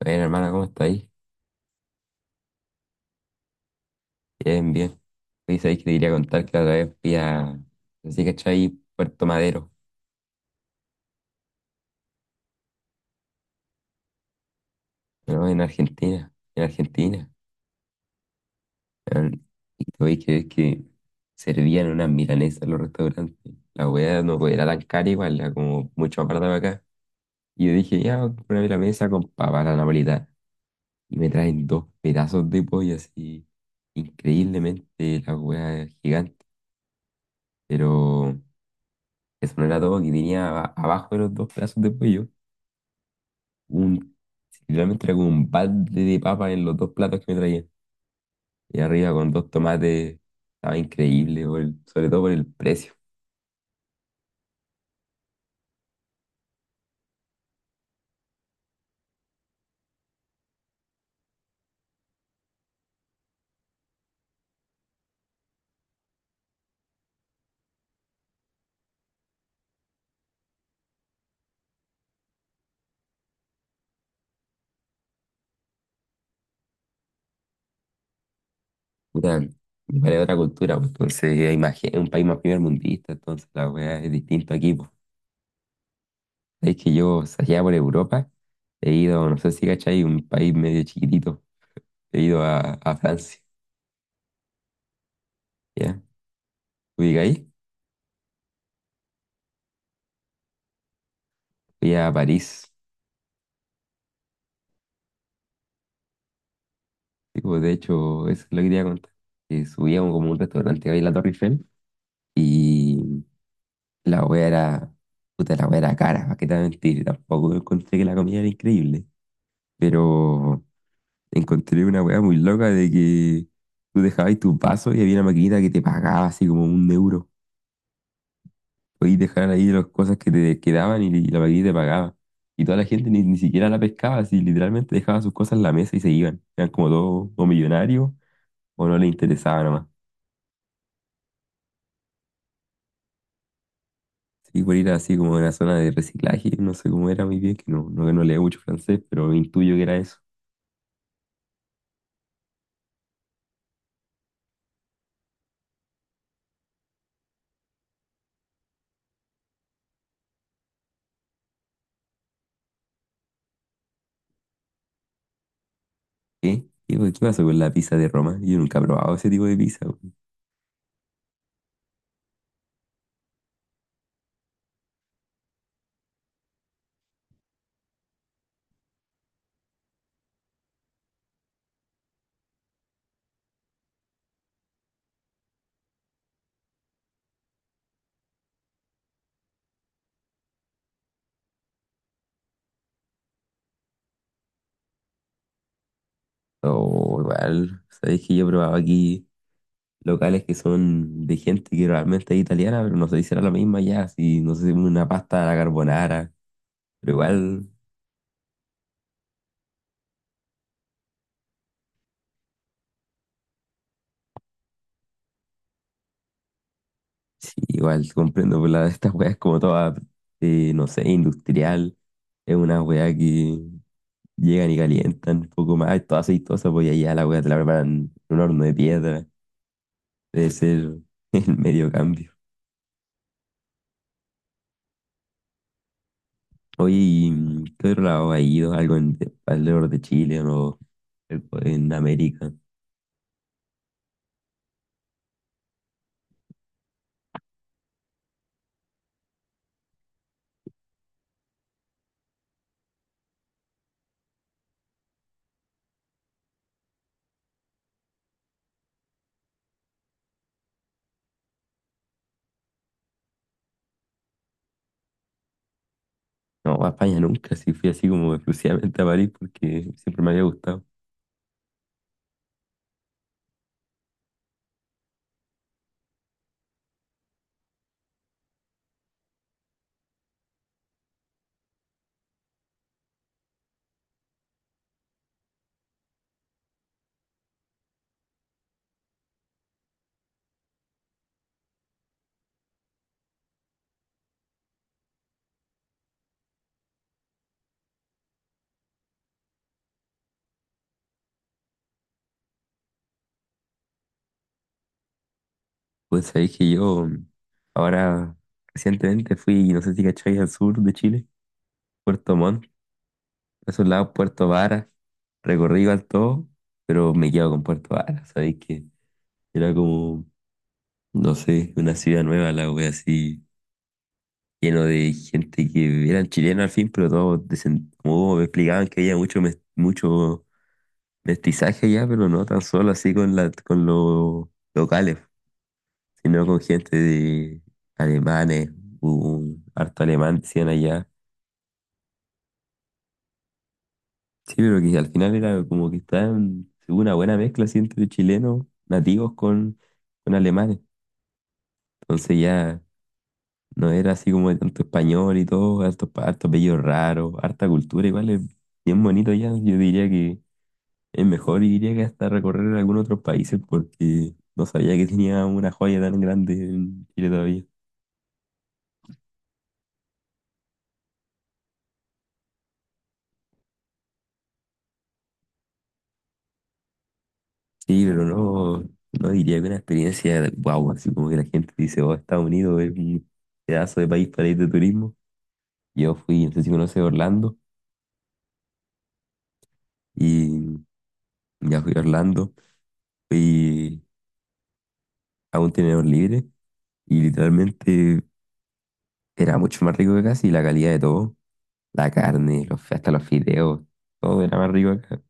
Bueno, hermana, ¿cómo estáis? Bien, bien. Hoy sabéis que te quería contar que la otra vez fui a, así que ahí Puerto Madero, ¿no? En Argentina. Weón. Y te voy a creer que servían unas milanesas en los restaurantes. La hueá no era tan cara igual, era como mucho más barata que acá. Y yo dije, ya, una milanesa con papa a la napolitana. Y me traen dos pedazos de pollo así, increíblemente la hueá gigante. Pero eso no era todo, que tenía abajo de los dos pedazos de pollo. un, Literalmente era como un balde de papa en los dos platos que me traían. Y arriba con dos tomates, estaba increíble, sobre todo por el precio. Puta, y para otra cultura, pues, entonces imagínate, es un país más primermundista, entonces la weá es distinto aquí, pues. Sabéis que yo, o sea, allá por Europa, he ido, no sé si cachai, un país medio chiquitito, he ido a Francia, ¿ya? Fui ahí, fui a París. Sí, pues, de hecho, eso es lo que quería contar. Que subía como un restaurante ahí en la Torre Eiffel, y la wea era, puta, la wea era cara, ¿para qué te voy a mentir? Tampoco encontré que la comida era increíble, pero encontré una wea muy loca de que tú dejabas tus vasos y había una maquinita que te pagaba así como un euro. Podías dejar ahí las cosas que te quedaban y la maquinita te pagaba. Y toda la gente ni siquiera la pescaba, así literalmente dejaba sus cosas en la mesa y se iban. Eran como todos o millonarios o no les interesaba nomás. Sí, por ir así como a una zona de reciclaje, no sé cómo era muy bien, que no leo mucho francés, pero intuyo que era eso. ¿Qué? ¿Qué pasó con la pizza de Roma? Yo nunca he probado ese tipo de pizza. Weón. O igual, sabéis que yo he probado aquí locales que son de gente que realmente es italiana, pero no sé si será la misma ya, si no sé, una pasta a la carbonara. Pero igual, sí, igual comprendo, estas weas como toda, no sé, industrial. Es una wea que llegan y calientan un poco más, toda aceitosa, pues, y allá la wea te la preparan en un horno de piedra. Debe ser el medio cambio. Oye, ¿y qué otro lado ha ido? ¿Algo en, alrededor de Chile o en América? No, a España nunca, sí fui así como exclusivamente a París porque siempre me había gustado. Pues sabéis que yo, ahora recientemente fui, no sé si cacháis, al sur de Chile, Puerto Montt, a esos lados, Puerto Varas. Recorrí igual todo, pero me quedo con Puerto Varas, sabéis que era como, no sé, una ciudad nueva, la wea así lleno de gente que eran chilenos al fin, pero todos como me explicaban que había mucho mestizaje allá, pero no tan solo así con los locales, sino con gente de alemanes, hubo un harto alemán, decían allá. Sí, pero que al final era como que estaban, hubo una buena mezcla así entre chilenos nativos con alemanes. Entonces ya no era así como de tanto español y todo, harto, harto apellido raro, harta cultura, igual es bien bonito, ya, yo diría que es mejor iría que hasta recorrer algún otro país porque no sabía que tenía una joya tan grande en Chile todavía. Sí, pero no, diría que una experiencia wow, así como que la gente dice, oh, Estados Unidos es un pedazo de país para ir de turismo. Yo fui, no sé si conoces Orlando, y ya fui a Orlando, fui a un tenedor libre y literalmente era mucho más rico que acá, y la calidad de todo, la carne, los, hasta los fideos, todo era más rico acá.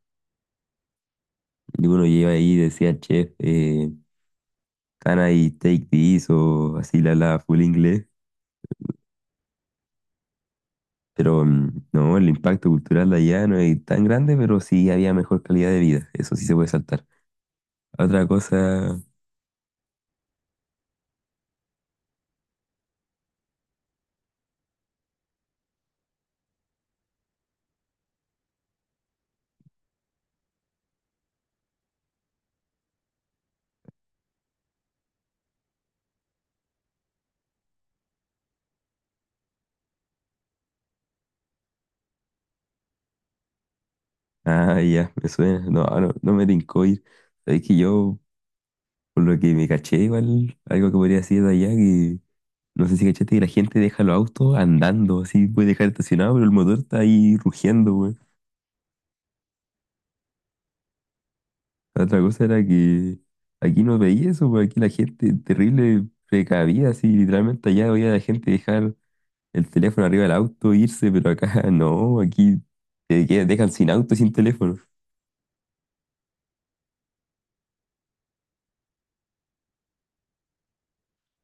Y uno lleva ahí y decía, chef, Can I take this, o así la full inglés. Pero no, el impacto cultural de allá no es tan grande, pero sí había mejor calidad de vida. Eso sí se puede saltar. Otra cosa, ah, ya, me suena. No me tincó ir. Es que yo, por lo que me caché, igual, algo que podría decir de allá, que no sé si cachaste que la gente deja los autos andando, así puede dejar estacionado, pero el motor está ahí rugiendo. La otra cosa era que aquí no veía eso, porque aquí la gente terrible precavida, así literalmente allá veía a la gente dejar el teléfono arriba del auto, irse, pero acá no, aquí dejan sin auto, sin teléfono.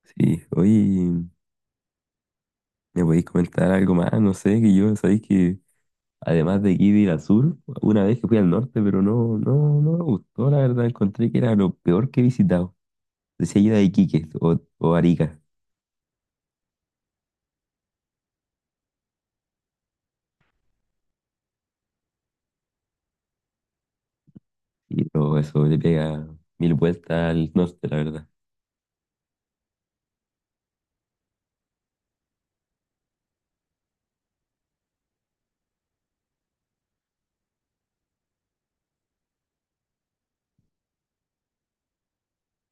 Sí, oye, ¿me podéis comentar algo más? No sé, que yo, sabéis que además de aquí de ir al sur, una vez que fui al norte, pero no me gustó, la verdad, encontré que era lo peor que he visitado. Decía yo de Iquique o Arica, y todo eso le pega mil vueltas al norte, la verdad.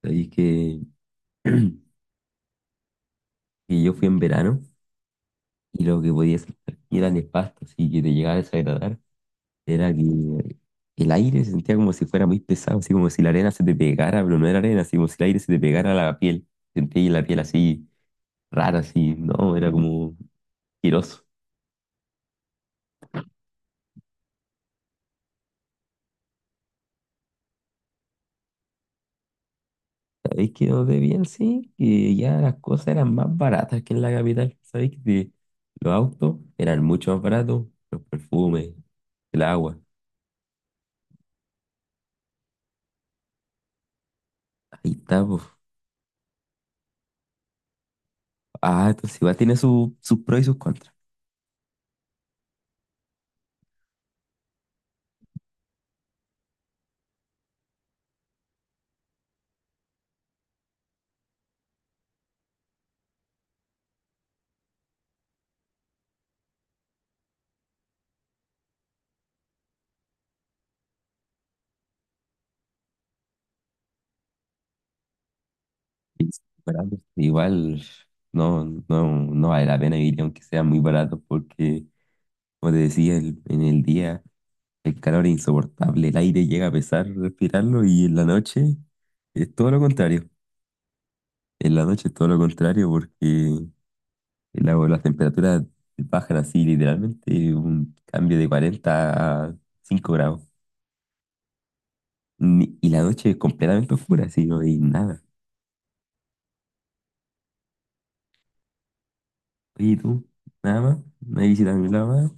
Sabéis que yo fui en verano y lo que podía sentir era nefasto, así que te llegaba a desagradar. Era que el aire se sentía como si fuera muy pesado, así como si la arena se te pegara, pero no era arena, así como si el aire se te pegara a la piel. Sentía la piel así rara, así, no, era como asqueroso. ¿Sabéis que donde bien sí? Que ya las cosas eran más baratas que en la capital. ¿Sabéis que los autos eran mucho más baratos? Los perfumes, el agua. Ahí está, pues. Ah, entonces igual tiene sus pros y sus contras. Pero, pues, igual no vale la pena vivir aunque sea muy barato porque, como te decía, en el día el calor es insoportable, el aire llega a pesar respirarlo y en la noche es todo lo contrario. En la noche es todo lo contrario porque las temperaturas bajan así literalmente un cambio de 40 a 5 grados. Y la noche es completamente oscura, así no hay nada. Oye, ¿y tú? ¿Nada más? ¿No hay visita a ningún lado?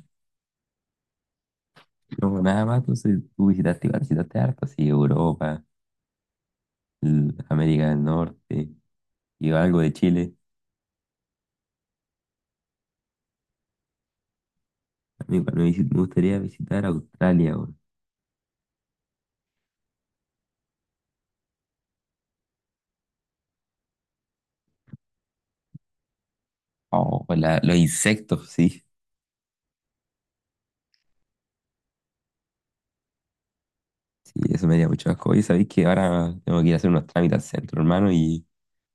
No, nada más, entonces tú visitaste harto, así Europa, América del Norte, y algo de Chile. A mí igual me gustaría visitar Australia, weón. Oh, pues los insectos, sí. Sí, eso me haría mucho asco. Y sabéis que ahora tengo que ir a hacer unos trámites al centro, hermano, y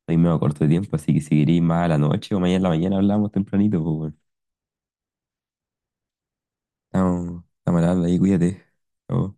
estoy medio corto de tiempo, así que si queréis más a la noche o mañana en la mañana hablamos tempranito, pues, weón. Estamos hablando ahí, cuídate. Chao.